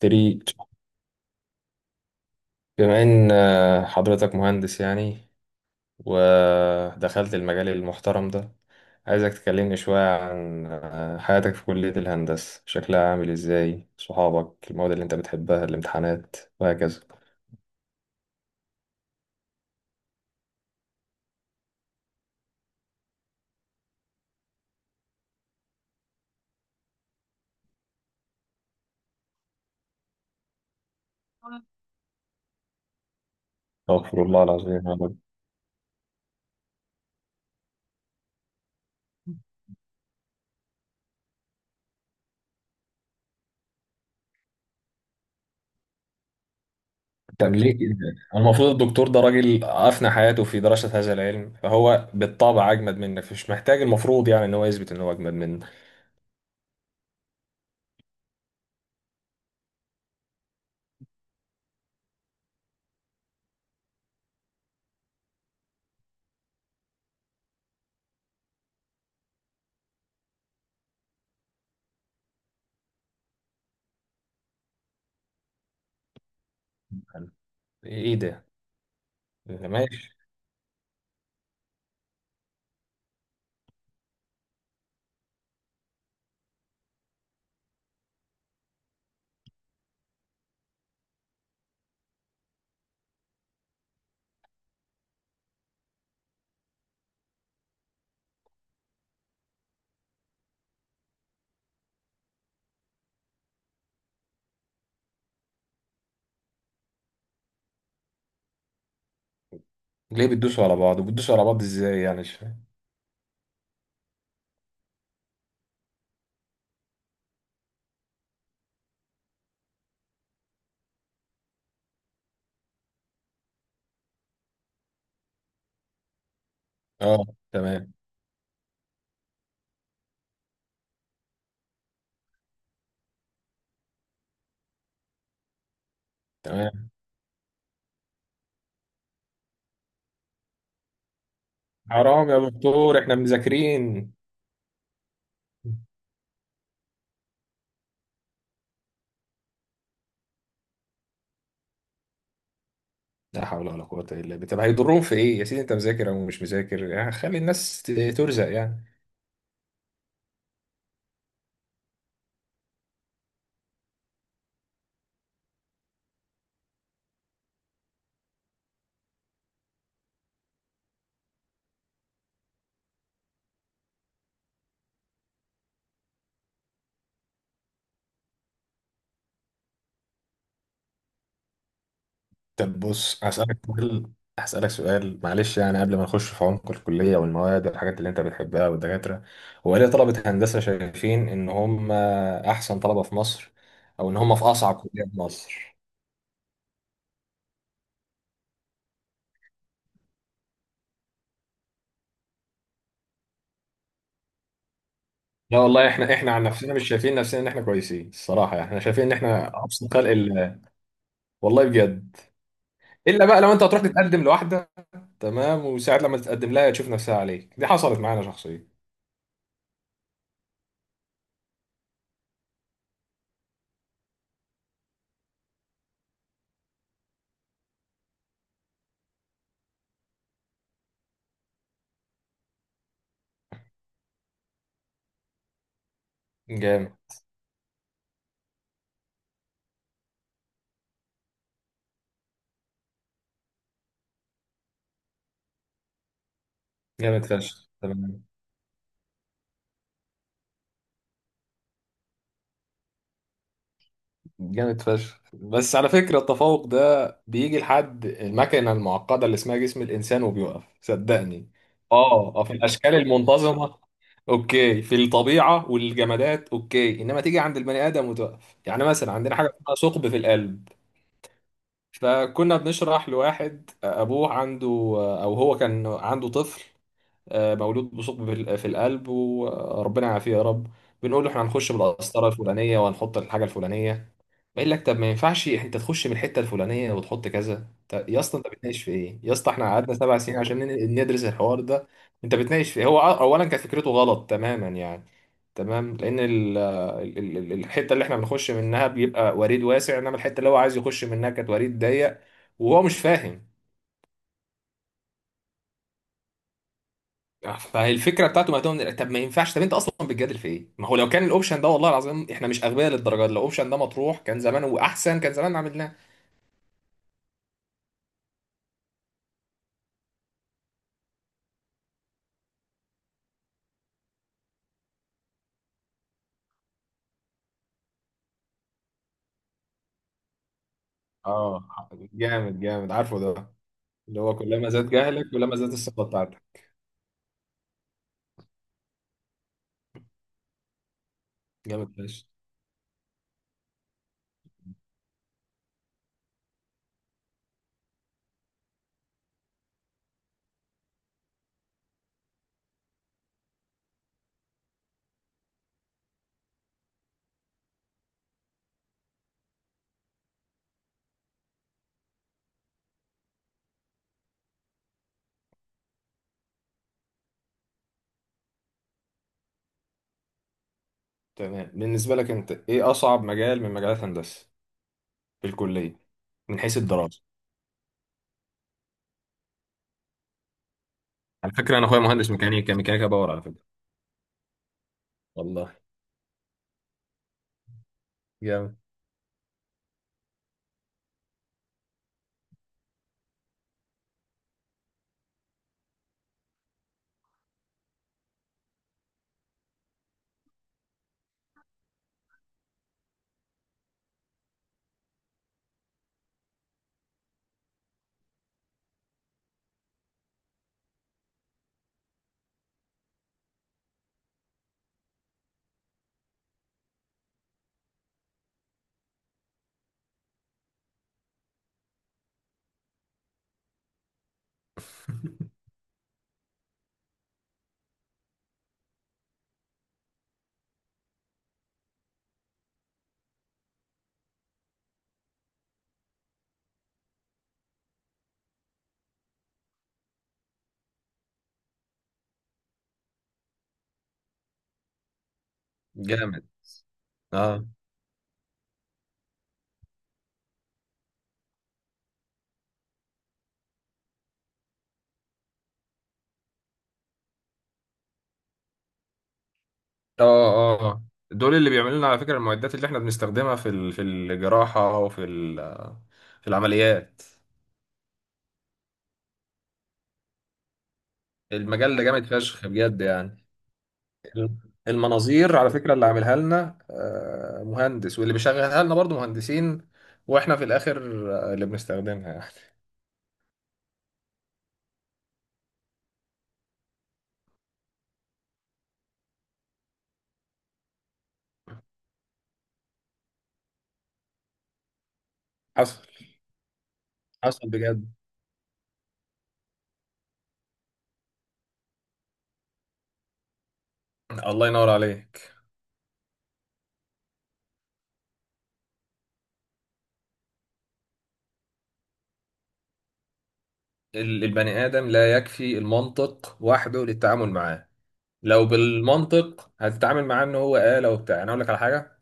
تريد بما ان حضرتك مهندس يعني، ودخلت المجال المحترم ده. عايزك تكلمني شوية عن حياتك في كلية الهندسة، شكلها عامل ازاي، صحابك، المواد اللي انت بتحبها، الامتحانات وهكذا. استغفر الله العظيم يا رب. طب ليه كده؟ المفروض الدكتور ده راجل أفنى حياته في دراسة هذا العلم، فهو بالطبع أجمد منك، مش محتاج المفروض يعني إن هو يثبت إن هو أجمد منك. إيه ده؟ ليه بتدوسوا على بعض، وبتدوسوا على بعض ازاي يعني؟ مش فاهم. اه، تمام. تمام. حرام يا دكتور احنا مذاكرين. لا حول ولا قوة الا بالله. طب هيضرهم في ايه يا سيدي؟ انت مذاكر او مش مذاكر، يعني خلي الناس ترزق يعني. طب بص هسألك سؤال. هسألك سؤال معلش، يعني قبل ما نخش في عمق الكلية والمواد والحاجات اللي انت بتحبها والدكاترة، هو ليه طلبة هندسة شايفين ان هم احسن طلبة في مصر، او ان هم في اصعب كلية في مصر؟ لا والله، احنا احنا عن نفسنا مش شايفين نفسنا ان احنا كويسين الصراحه، يعني احنا شايفين ان احنا ابسط خلق الله. والله بجد. الا بقى لو انت هتروح تتقدم لواحده، تمام، وساعات لما تتقدم لها تشوف نفسها عليك، دي حصلت معانا شخصيا. جامد. جامد فشخ تمام. جامد فشخ. بس على فكره التفوق ده بيجي لحد المكنه المعقده اللي اسمها جسم الانسان وبيوقف، صدقني. اه اه، في الاشكال المنتظمه اوكي، في الطبيعه والجمادات اوكي، انما تيجي عند البني ادم وتقف. يعني مثلا عندنا حاجه اسمها ثقب في القلب. فكنا بنشرح لواحد ابوه عنده، او هو كان عنده طفل مولود بثقب في القلب، وربنا يعافيه يا رب. بنقول له احنا هنخش بالقسطره الفلانيه وهنحط الحاجه الفلانيه. بقول لك طب ما ينفعش انت تخش من الحته الفلانيه وتحط كذا. طب يا اسطى انت بتناقش في ايه؟ يا اسطى احنا قعدنا سبع سنين عشان ندرس الحوار ده. انت بتناقش في ايه؟ هو اولا كانت فكرته غلط تماما يعني. تمام، لان ال الحته اللي احنا بنخش منها بيبقى وريد واسع، انما الحته اللي هو عايز يخش منها كانت وريد ضيق، وهو مش فاهم. فالفكره بتاعته مهتمه، طب ما ينفعش. طب انت اصلا بتجادل في ايه؟ ما هو لو كان الاوبشن ده، والله العظيم احنا مش اغبياء للدرجه دي، لو الاوبشن ده مطروح كان زمان، واحسن، كان زمان عملناه. اه. جامد جامد، عارفه ده. اللي هو كلما زاد جهلك كلما زادت الثقة بتاعتك. جامد فشخ تمام. بالنسبة لك انت ايه اصعب مجال من مجالات هندسة في الكلية، من حيث الدراسة؟ على فكرة انا اخويا مهندس ميكانيكا، ميكانيكا باور على فكرة. والله. جامد. جامد. اه اه اه دول اللي بيعملوا لنا على فكرة المعدات اللي احنا بنستخدمها في في الجراحة وفي في العمليات. المجال ده جامد فشخ بجد يعني. المناظير على فكرة اللي عاملها لنا مهندس، واللي بيشغلها لنا برضو مهندسين، واحنا في الاخر اللي بنستخدمها يعني حصل. حصل بجد. الله ينور عليك. البني آدم لا يكفي المنطق وحده للتعامل معاه. لو بالمنطق هتتعامل معاه ان هو آلة وبتاع، انا اقول لك على حاجة.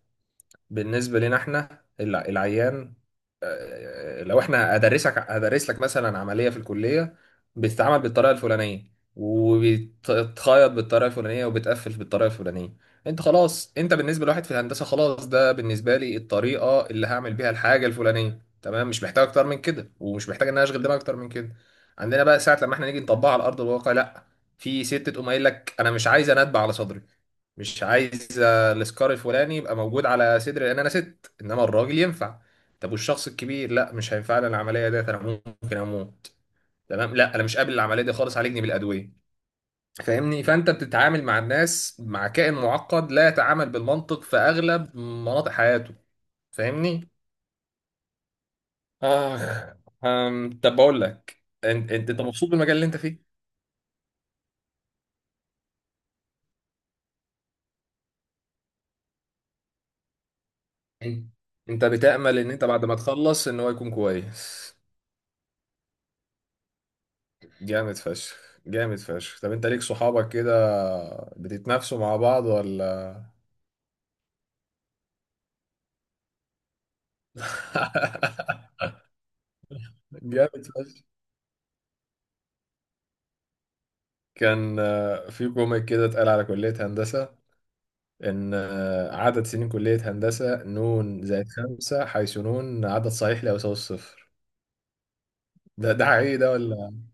بالنسبة لنا احنا العيان، لو احنا هدرسك، هدرس لك مثلا عملية في الكلية بتتعمل بالطريقة الفلانية، وبتتخيط بالطريقة الفلانية، وبتقفل بالطريقة الفلانية. انت خلاص، انت بالنسبة لواحد في الهندسة خلاص ده بالنسبة لي الطريقة اللي هعمل بيها الحاجة الفلانية تمام، مش محتاج اكتر من كده، ومش محتاج ان انا اشغل دماغي اكتر من كده. عندنا بقى ساعة لما احنا نيجي نطبقها على ارض الواقع لا. في ست تقوم قايل لك انا مش عايز، انا اتبع على صدري مش عايز السكار الفلاني يبقى موجود على صدري لان انا ست، انما الراجل ينفع. طب والشخص الكبير لا مش هينفع لي العمليه ديت، انا ممكن اموت. تمام، لا انا مش قابل العمليه دي خالص، عالجني بالادويه. فاهمني؟ فانت بتتعامل مع الناس، مع كائن معقد لا يتعامل بالمنطق في اغلب مناطق حياته. فاهمني؟ اخ. طب بقول لك، انت أنت مبسوط بالمجال اللي انت فيه؟ أيوة. انت بتأمل ان انت بعد ما تخلص ان هو يكون كويس؟ جامد فشخ. جامد فشخ. طب انت ليك صحابك كده بتتنافسوا مع بعض ولا؟ جامد فشخ. كان في كوميك كده اتقال على كلية هندسة، إن عدد سنين كلية هندسة نون زائد خمسة، حيث نون عدد صحيح لا يساوي الصفر. ده ده حقيقي ده ولا؟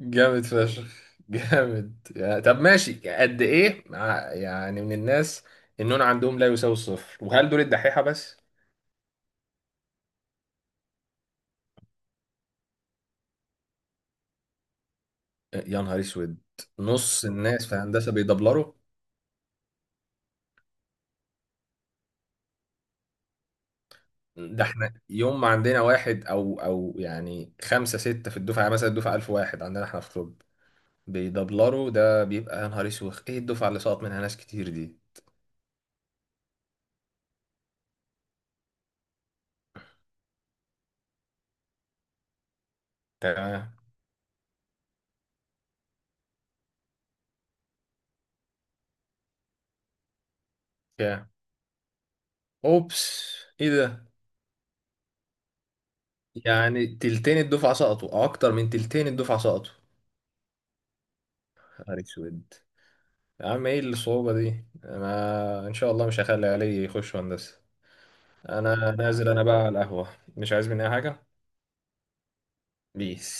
جامد فشخ جامد يعني. طب ماشي، قد إيه مع- يعني من الناس النون عندهم لا يساوي الصفر، وهل دول الدحيحة بس؟ يا نهار اسود. نص الناس في هندسه بيدبلروا؟ ده احنا يوم ما عندنا واحد او او يعني خمسه سته في الدفعه، يعني مثلا الدفعه 1000 واحد عندنا احنا في طب بيدبلروا، ده بيبقى يا نهار اسود، ايه الدفعه اللي سقط منها ناس كتير دي. تمام. كام؟ اوبس. ايه ده؟ يعني تلتين الدفعه سقطوا او اكتر من تلتين الدفعه سقطوا؟ يا نهار اسود. يا عم ايه الصعوبه دي، انا ان شاء الله مش هخلي علي يخش هندسه. انا نازل انا بقى على القهوه، مش عايز مني أي حاجه. بيس.